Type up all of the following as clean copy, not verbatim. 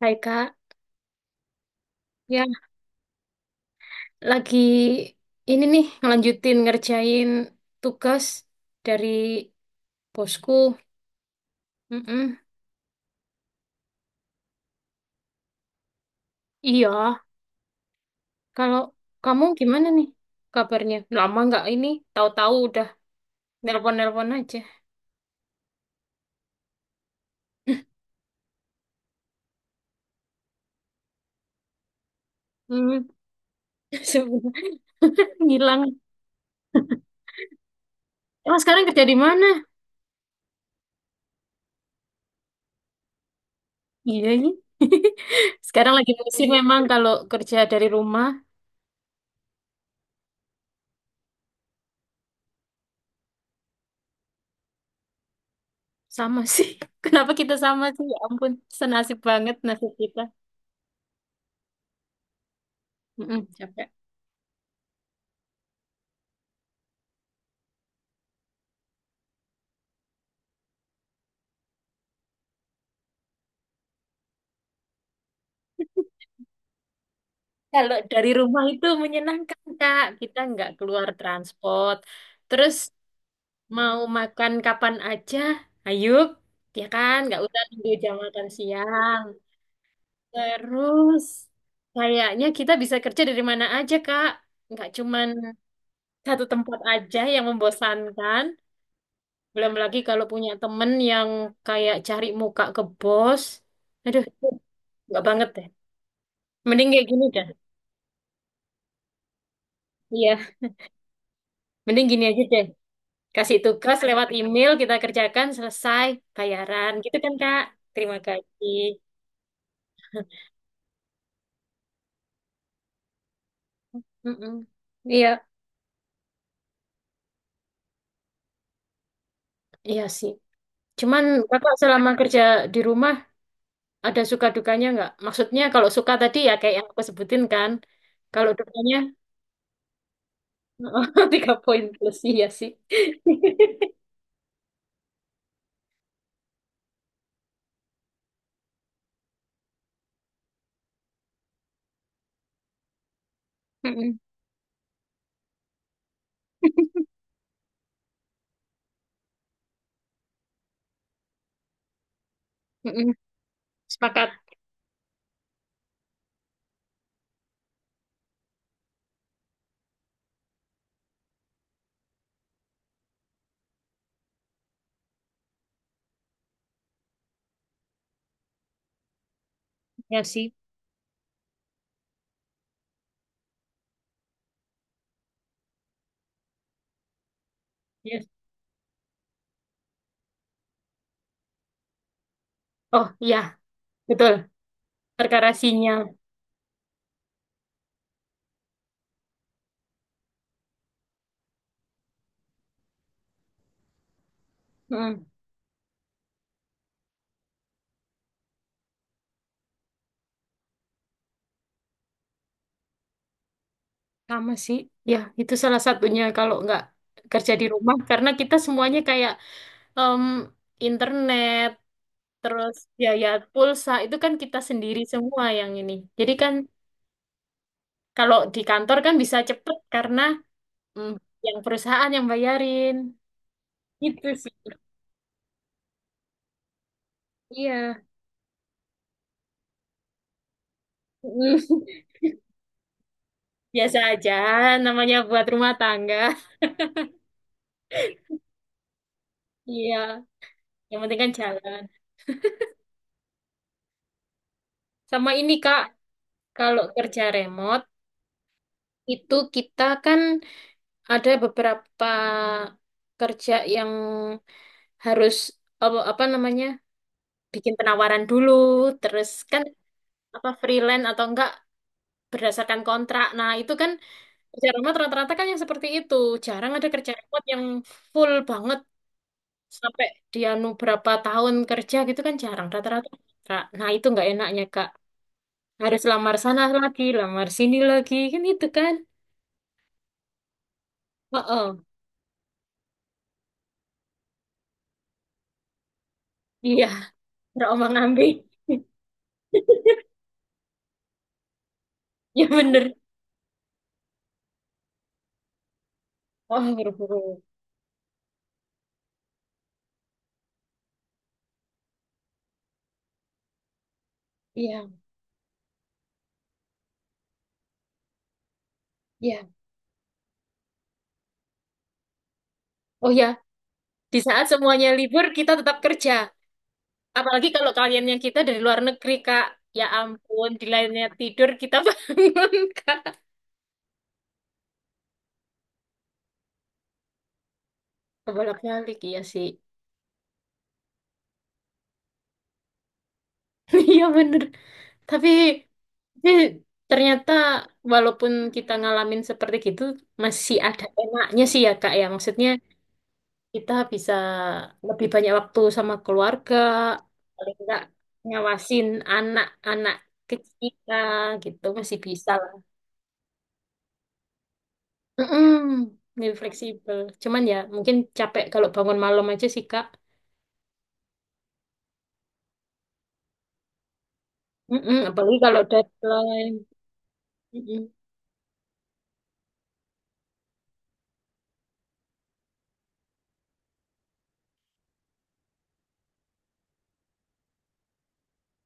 Hai Kak, ya lagi ini nih ngelanjutin ngerjain tugas dari bosku. Mm-mm. Iya, kalau kamu gimana nih kabarnya? Lama nggak ini? Tahu-tahu udah nelpon-nelpon aja. Hmm, sebenarnya ngilang. Emang sekarang kerja di mana? Iya ini. Sekarang lagi musim memang kalau kerja dari rumah sama sih. Kenapa kita sama sih? Ya ampun, senasib banget nasib kita. Mm-mm, capek. Kalau dari rumah itu menyenangkan, Kak. Kita nggak keluar transport. Terus mau makan kapan aja, ayo. Ya kan, nggak usah nunggu jam makan siang. Terus kayaknya kita bisa kerja dari mana aja, Kak. Nggak cuman satu tempat aja yang membosankan. Belum lagi kalau punya temen yang kayak cari muka ke bos. Aduh, nggak banget deh. Mending kayak gini deh. Iya, mending gini aja deh. Kasih tugas lewat email, kita kerjakan, selesai, bayaran. Gitu kan, Kak? Terima kasih. Mm-mm. Iya, iya sih. Cuman Kakak selama kerja di rumah ada suka dukanya nggak? Maksudnya kalau suka tadi ya kayak yang aku sebutin kan. Kalau dukanya tiga poin plus iya sih. Mm-mm. Mm-mm. Sepakat ya sih. Yes. Oh iya, betul. Perkara sinyal. Sama sih, ya itu salah satunya kalau nggak kerja di rumah karena kita semuanya kayak em, internet terus biaya pulsa itu kan kita sendiri semua yang ini. Jadi kan kalau di kantor kan bisa cepet karena mm, yang perusahaan yang bayarin. Itu sih. Iya. Mm. Biasa aja namanya buat rumah tangga. Iya, yang penting kan jalan. Sama ini Kak, kalau kerja remote itu kita kan ada beberapa kerja yang harus apa namanya bikin penawaran dulu terus kan apa freelance atau enggak berdasarkan kontrak, nah itu kan kerja remote rata-rata kan yang seperti itu, jarang ada kerja remote yang full banget sampai dia nu berapa tahun kerja gitu kan. Jarang, rata-rata kontrak, nah itu nggak enaknya kak, harus lamar sana lagi lamar sini lagi kan itu kan. Oh, oh. Iya terombang-ambing. Ya bener. Oh buru-buru. Iya. Ya, oh ya, di saat semuanya libur kita tetap kerja. Apalagi kalau kalian yang kita dari luar negeri, Kak. Ya ampun, di lainnya tidur kita bangun, Kak. Kebolak-balik, iya sih. Iya bener. Tapi, tapi ternyata walaupun kita ngalamin seperti gitu, masih ada enaknya sih ya, Kak. Ya, maksudnya kita bisa lebih banyak waktu sama keluarga, paling nggak ngawasin anak-anak kecil kita gitu masih bisa. Mm-mm, lebih fleksibel. Cuman ya mungkin capek kalau bangun malam aja sih Kak. Mm-mm, apalagi kalau deadline. Mm-mm.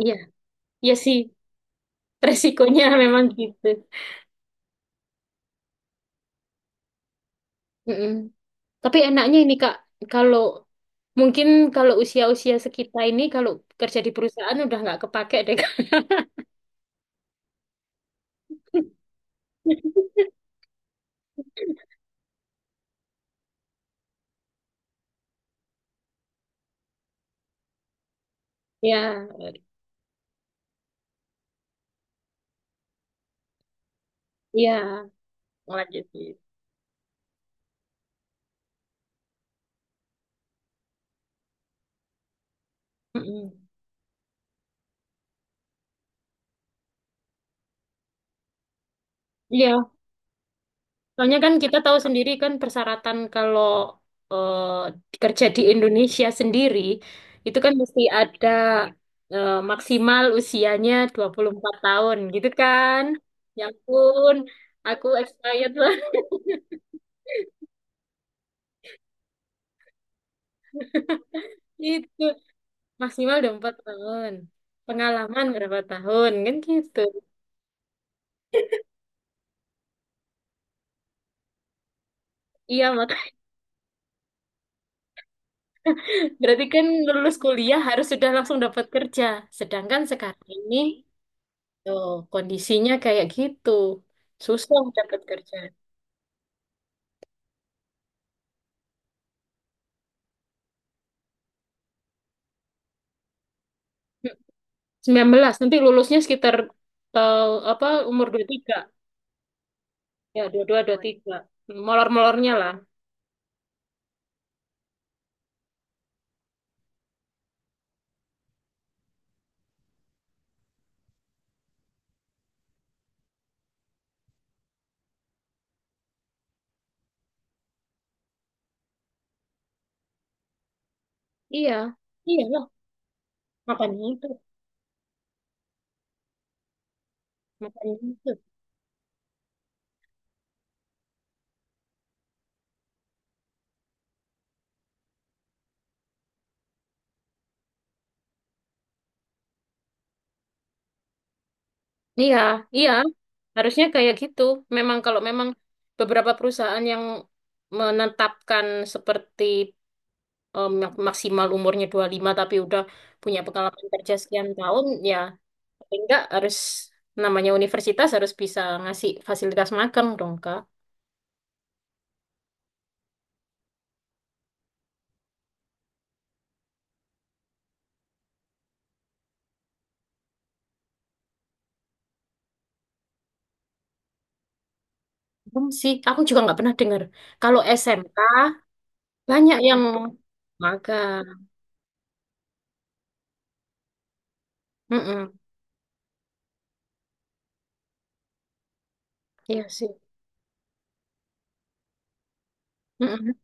Iya, iya sih. Resikonya memang gitu. Mm-mm. Tapi enaknya ini Kak, kalau mungkin kalau usia-usia sekitar ini kalau kerja di perusahaan udah nggak kepake deh Kak. Ya, iya. Lanjut. Mm-mm. Iya. Soalnya kan kita tahu sendiri kan persyaratan kalau kerja di Indonesia sendiri itu kan mesti ada maksimal usianya 24 tahun gitu kan. Ya ampun, aku expired lah itu. Maksimal udah 4 tahun. Pengalaman berapa tahun kan gitu. Iya, maka berarti kan lulus kuliah harus sudah langsung dapat kerja. Sedangkan sekarang ini tuh kondisinya kayak gitu. Susah dapat kerja. Sembilan belas. Nanti lulusnya sekitar eh, apa umur 23. Ya, 22, tiga. Molor-molornya lah. Iya. Iya lah. Makanya itu. Makanya itu. Iya. Iya. Harusnya kayak gitu. Memang kalau memang beberapa perusahaan yang menetapkan seperti maksimal umurnya 25 tapi udah punya pengalaman kerja sekian tahun, ya paling enggak harus namanya universitas harus bisa ngasih fasilitas magang dong, Kak. Belum sih, aku juga nggak pernah dengar. Kalau SMK banyak yang magang. Mm-mm. Iya sih. Mm-mm.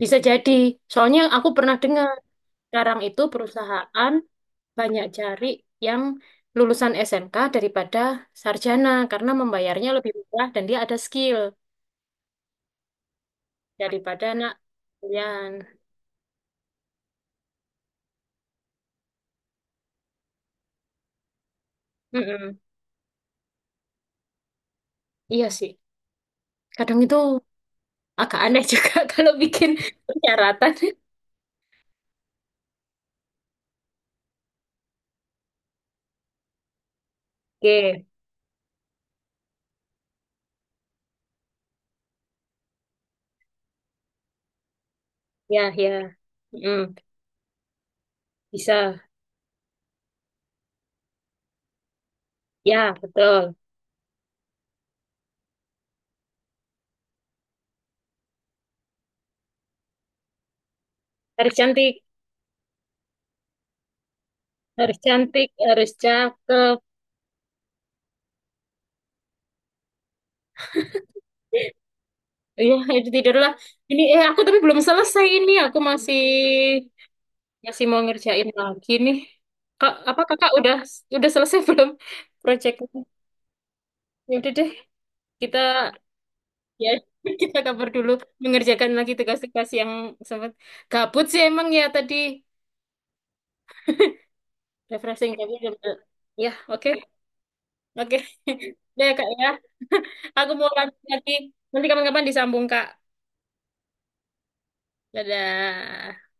Bisa jadi. Soalnya aku pernah dengar sekarang itu perusahaan banyak cari yang lulusan SMK daripada sarjana karena membayarnya lebih murah dan dia ada skill daripada anak kuliahan. Mm-mm. Iya sih. Kadang itu agak aneh juga kalau bikin persyaratan. Oke, ya, ya. Mm. Bisa. Ya, betul. Harus cantik. Harus cantik, harus cakep. Iya itu tidurlah. Ini eh aku tapi belum selesai, ini aku masih masih mau ngerjain lagi nih kak, apa kakak udah selesai belum proyeknya? Ya udah deh, kita ya, kita kabar dulu, mengerjakan lagi tugas-tugas yang sempat gabut sih emang ya tadi refreshing tapi udah ya oke. Oke deh kak ya, aku mau lanjut lagi nanti kapan-kapan disambung kak. Dadah.